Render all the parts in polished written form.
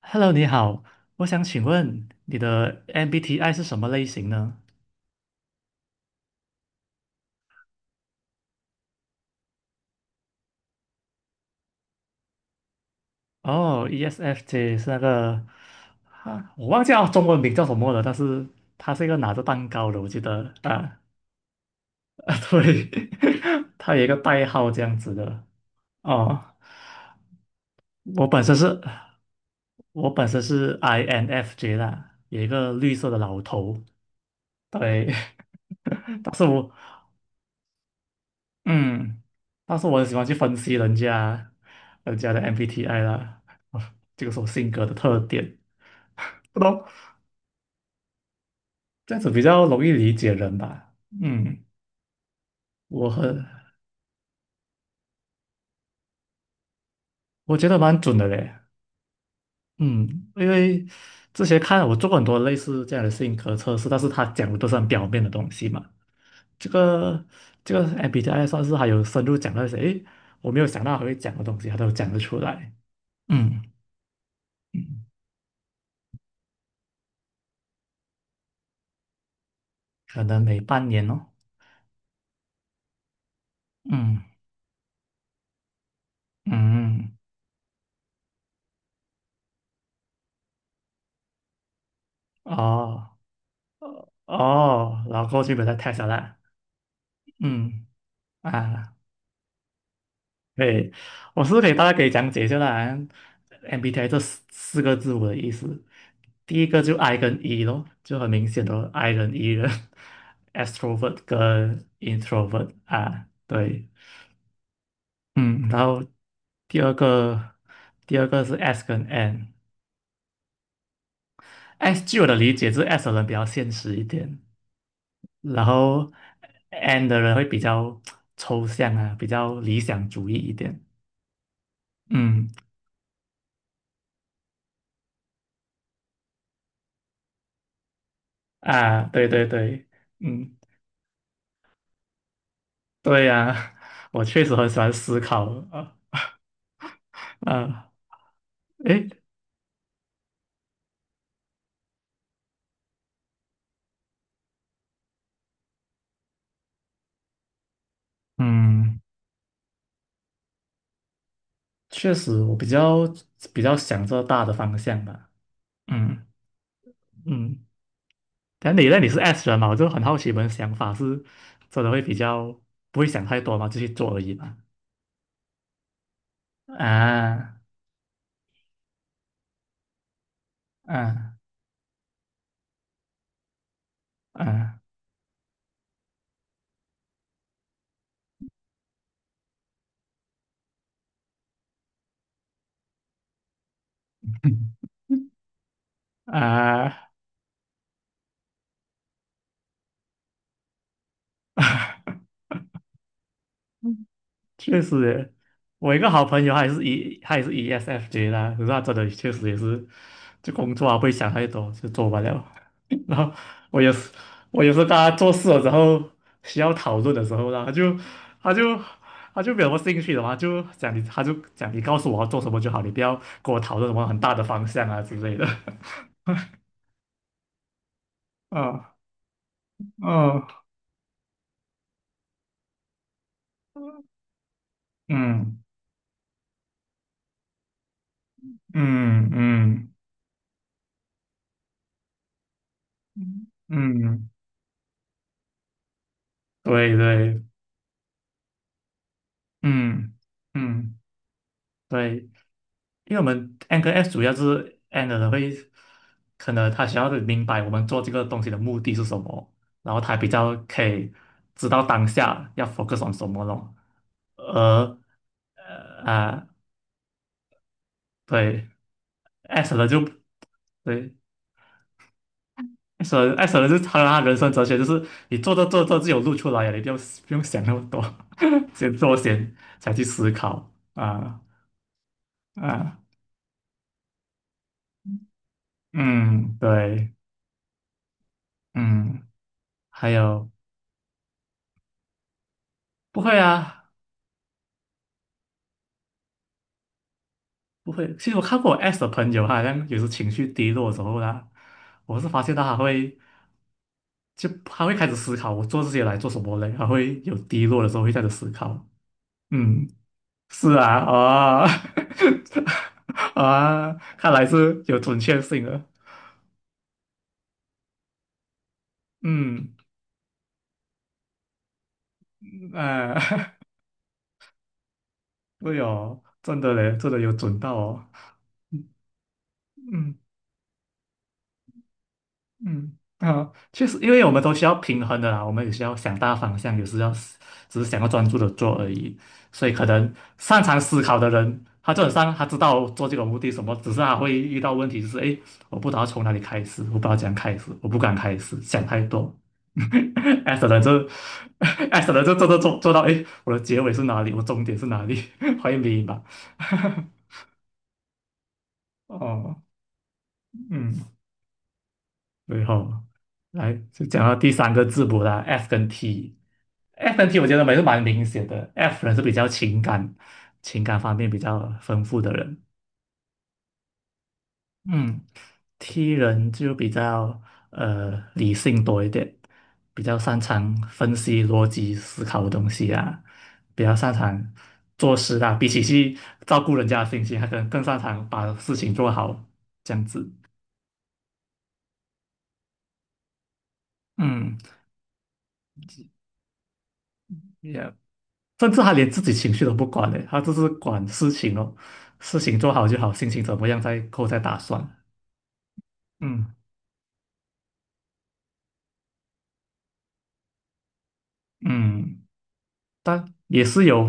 Hello，你好，我想请问你的 MBTI 是什么类型呢？哦，ESFJ 是那个，我忘记叫中文名叫什么了，但是它是一个拿着蛋糕的，我记得啊。啊对，它有一个代号这样子的。哦，我本身是，我本身是 INFJ 啦，有一个绿色的老头。对，但是我嗯，但是我很喜欢去分析人家的 MBTI 啦，啊这个是我性格的特点。不懂，这样子比较容易理解人吧。嗯，我很我觉得蛮准的嘞。嗯，因为之前看我做过很多类似这样的性格测试，但是他讲的都是很表面的东西嘛。这个这个 MBTI 算是还有深入讲到一些，诶，我没有想到还会讲的东西，他都讲得出来。嗯嗯，可能每半年哦。嗯嗯。嗯。哦哦，然后过去把它 e 下来。嗯。啊，对，我是不是可以大概可以讲解一下啦？MBTI 这四个字母的意思，第一个就 I 跟 E 咯，就很明显的 I 人 E 人， ，extrovert 跟 introvert 啊，对。嗯，然后第二个第二个是 S 跟 N。据我的理解，就是 S 的人比较现实一点，然后 N 的人会比较抽象啊，比较理想主义一点。嗯。啊，对对对。嗯，对呀、我确实很喜欢思考啊。啊，诶，嗯，确实我比较想这大的方向吧。嗯。嗯，但你那你是 S 人嘛，我就很好奇你们想法是真的会比较不会想太多嘛，就去做而已嘛。啊啊啊 啊，确实耶，我一个好朋友，他也是 E，他也是 ESFJ 啦，可是他真的确实也是，就工作啊不会想太多，就做完了。然后我也是，我有时候大家做事的时候需要讨论的时候啦，他就他就没有什么兴趣的嘛，就讲你，他就讲你告诉我要做什么就好，你不要跟我讨论什么很大的方向啊之类的。啊，哦。嗯嗯嗯嗯嗯，对对，嗯嗯。对。因为我们 N 跟 S 主要是 N 的人会，可能他想要的明白我们做这个东西的目的是什么，然后他比较可以知道当下要 focus on 什么咯。而啊，对。 S 的就对， S 的就是他人生哲学就是你做着做着就有路出来了，你不用不用想那么多，先做先才去思考。啊啊。嗯。对。嗯。还有不会啊。不会，其实我看过我 S 的朋友，他好像有时情绪低落的时候呢，我是发现到他会，他会开始思考，我做这些来做什么嘞？他会有低落的时候会开始思考。嗯，是啊。啊 啊，看来是有准确性的。嗯，啊哎、对哦，真的嘞，真的有准到哦。嗯。嗯，啊，确实，因为我们都需要平衡的啦，我们也需要想大方向，有时要只是想要专注的做而已。所以可能擅长思考的人，他就本上他知道做这个目的什么，只是他会遇到问题，就是诶，我不知道从哪里开始，我不知道怎样开始，我不敢开始，想太多。S 的就就 S 的人就做做做做到，诶，我的结尾是哪里？我终点是哪里？欢会迷茫。哦，嗯。最后来就讲到第三个字母啦，F 跟 T。F 跟 T 我觉得还是蛮明显的，F 人是比较情感、情感方面比较丰富的人。嗯，T 人就比较呃理性多一点，比较擅长分析逻辑思考的东西啊，比较擅长做事啊，比起去照顾人家的心情，他可能更擅长把事情做好这样子。嗯， y e a h 甚至他连自己情绪都不管嘞，他就是管事情哦，事情做好就好，心情怎么样再后再打算。嗯。嗯，但也是有，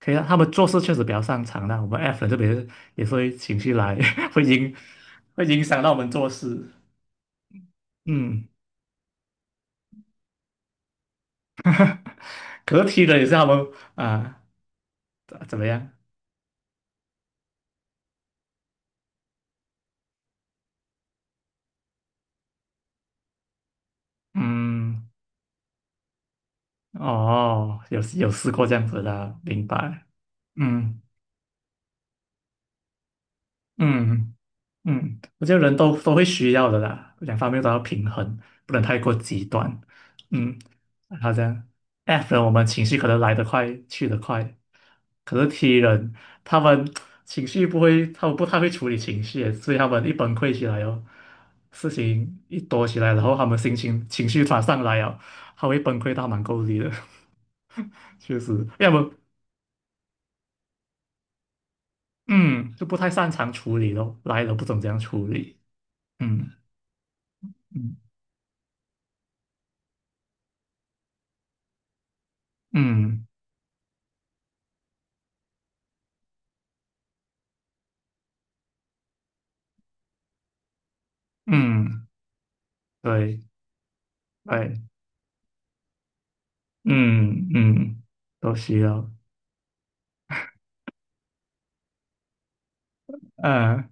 可以啊，他们做事确实比较擅长的。我们 F 人这边也是会情绪来，会影会影响到我们做事。嗯，可是的也是他们。啊，怎么样？嗯，哦，有有试过这样子的，明白。嗯嗯。嗯，我觉得人都会需要的啦，两方面都要平衡，不能太过极端。嗯，好像 F 人我们情绪可能来得快，去得快，可是 T 人他们情绪不会，他们不太会处理情绪，所以他们一崩溃起来哦，事情一多起来，然后他们心情情绪突然上来哦，他会崩溃到蛮够力的，确实，要么嗯就不太擅长处理咯，来了不懂怎样处理。嗯嗯嗯嗯。对，哎，嗯嗯，都需要。嗯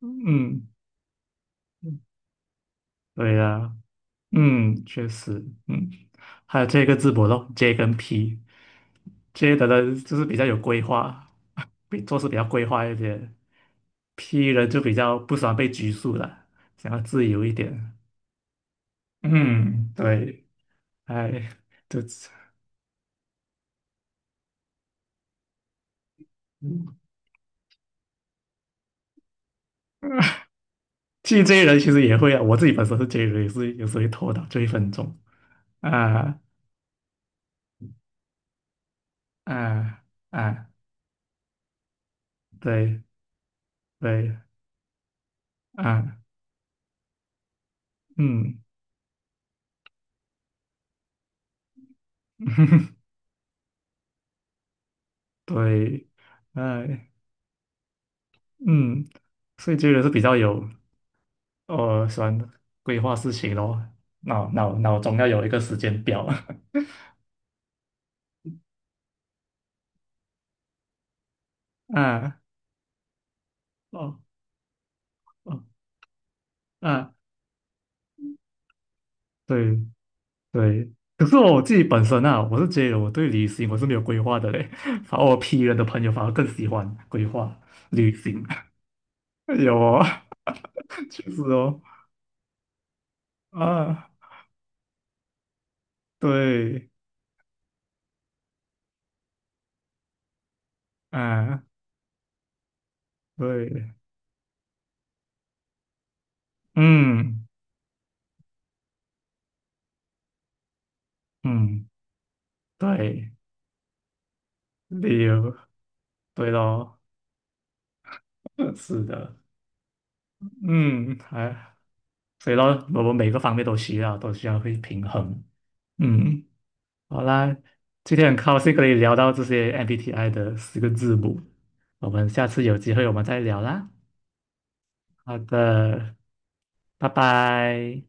嗯，对呀、嗯，确实。嗯，还有这个字母咯，J 跟 P，J 的人就是比较有规划，比做事比较规划一点，P 人就比较不喜欢被拘束了，想要自由一点。嗯，对，哎，就嗯其这 j 人其实也会啊，我自己本身是 J 人，也是有时候会拖到就一分钟。啊啊啊。对对，啊。嗯，对，哎。嗯，所以这个是比较有，呃，喜欢规划事情咯，脑中要有一个时间表，啊，哦。哦，啊，对对，可是我自己本身啊，我是觉得我对旅行我是没有规划的嘞，反而我 P 人的朋友反而更喜欢规划旅行。有哦，确实哦。啊，对，啊，对，嗯。嗯，对，理由。对咯，是的。嗯，所以咯，我们每个方面都需要，都需要会平衡。嗯，好啦，今天很高兴可以聊到这些 MBTI 的四个字母，我们下次有机会我们再聊啦。好的，拜拜。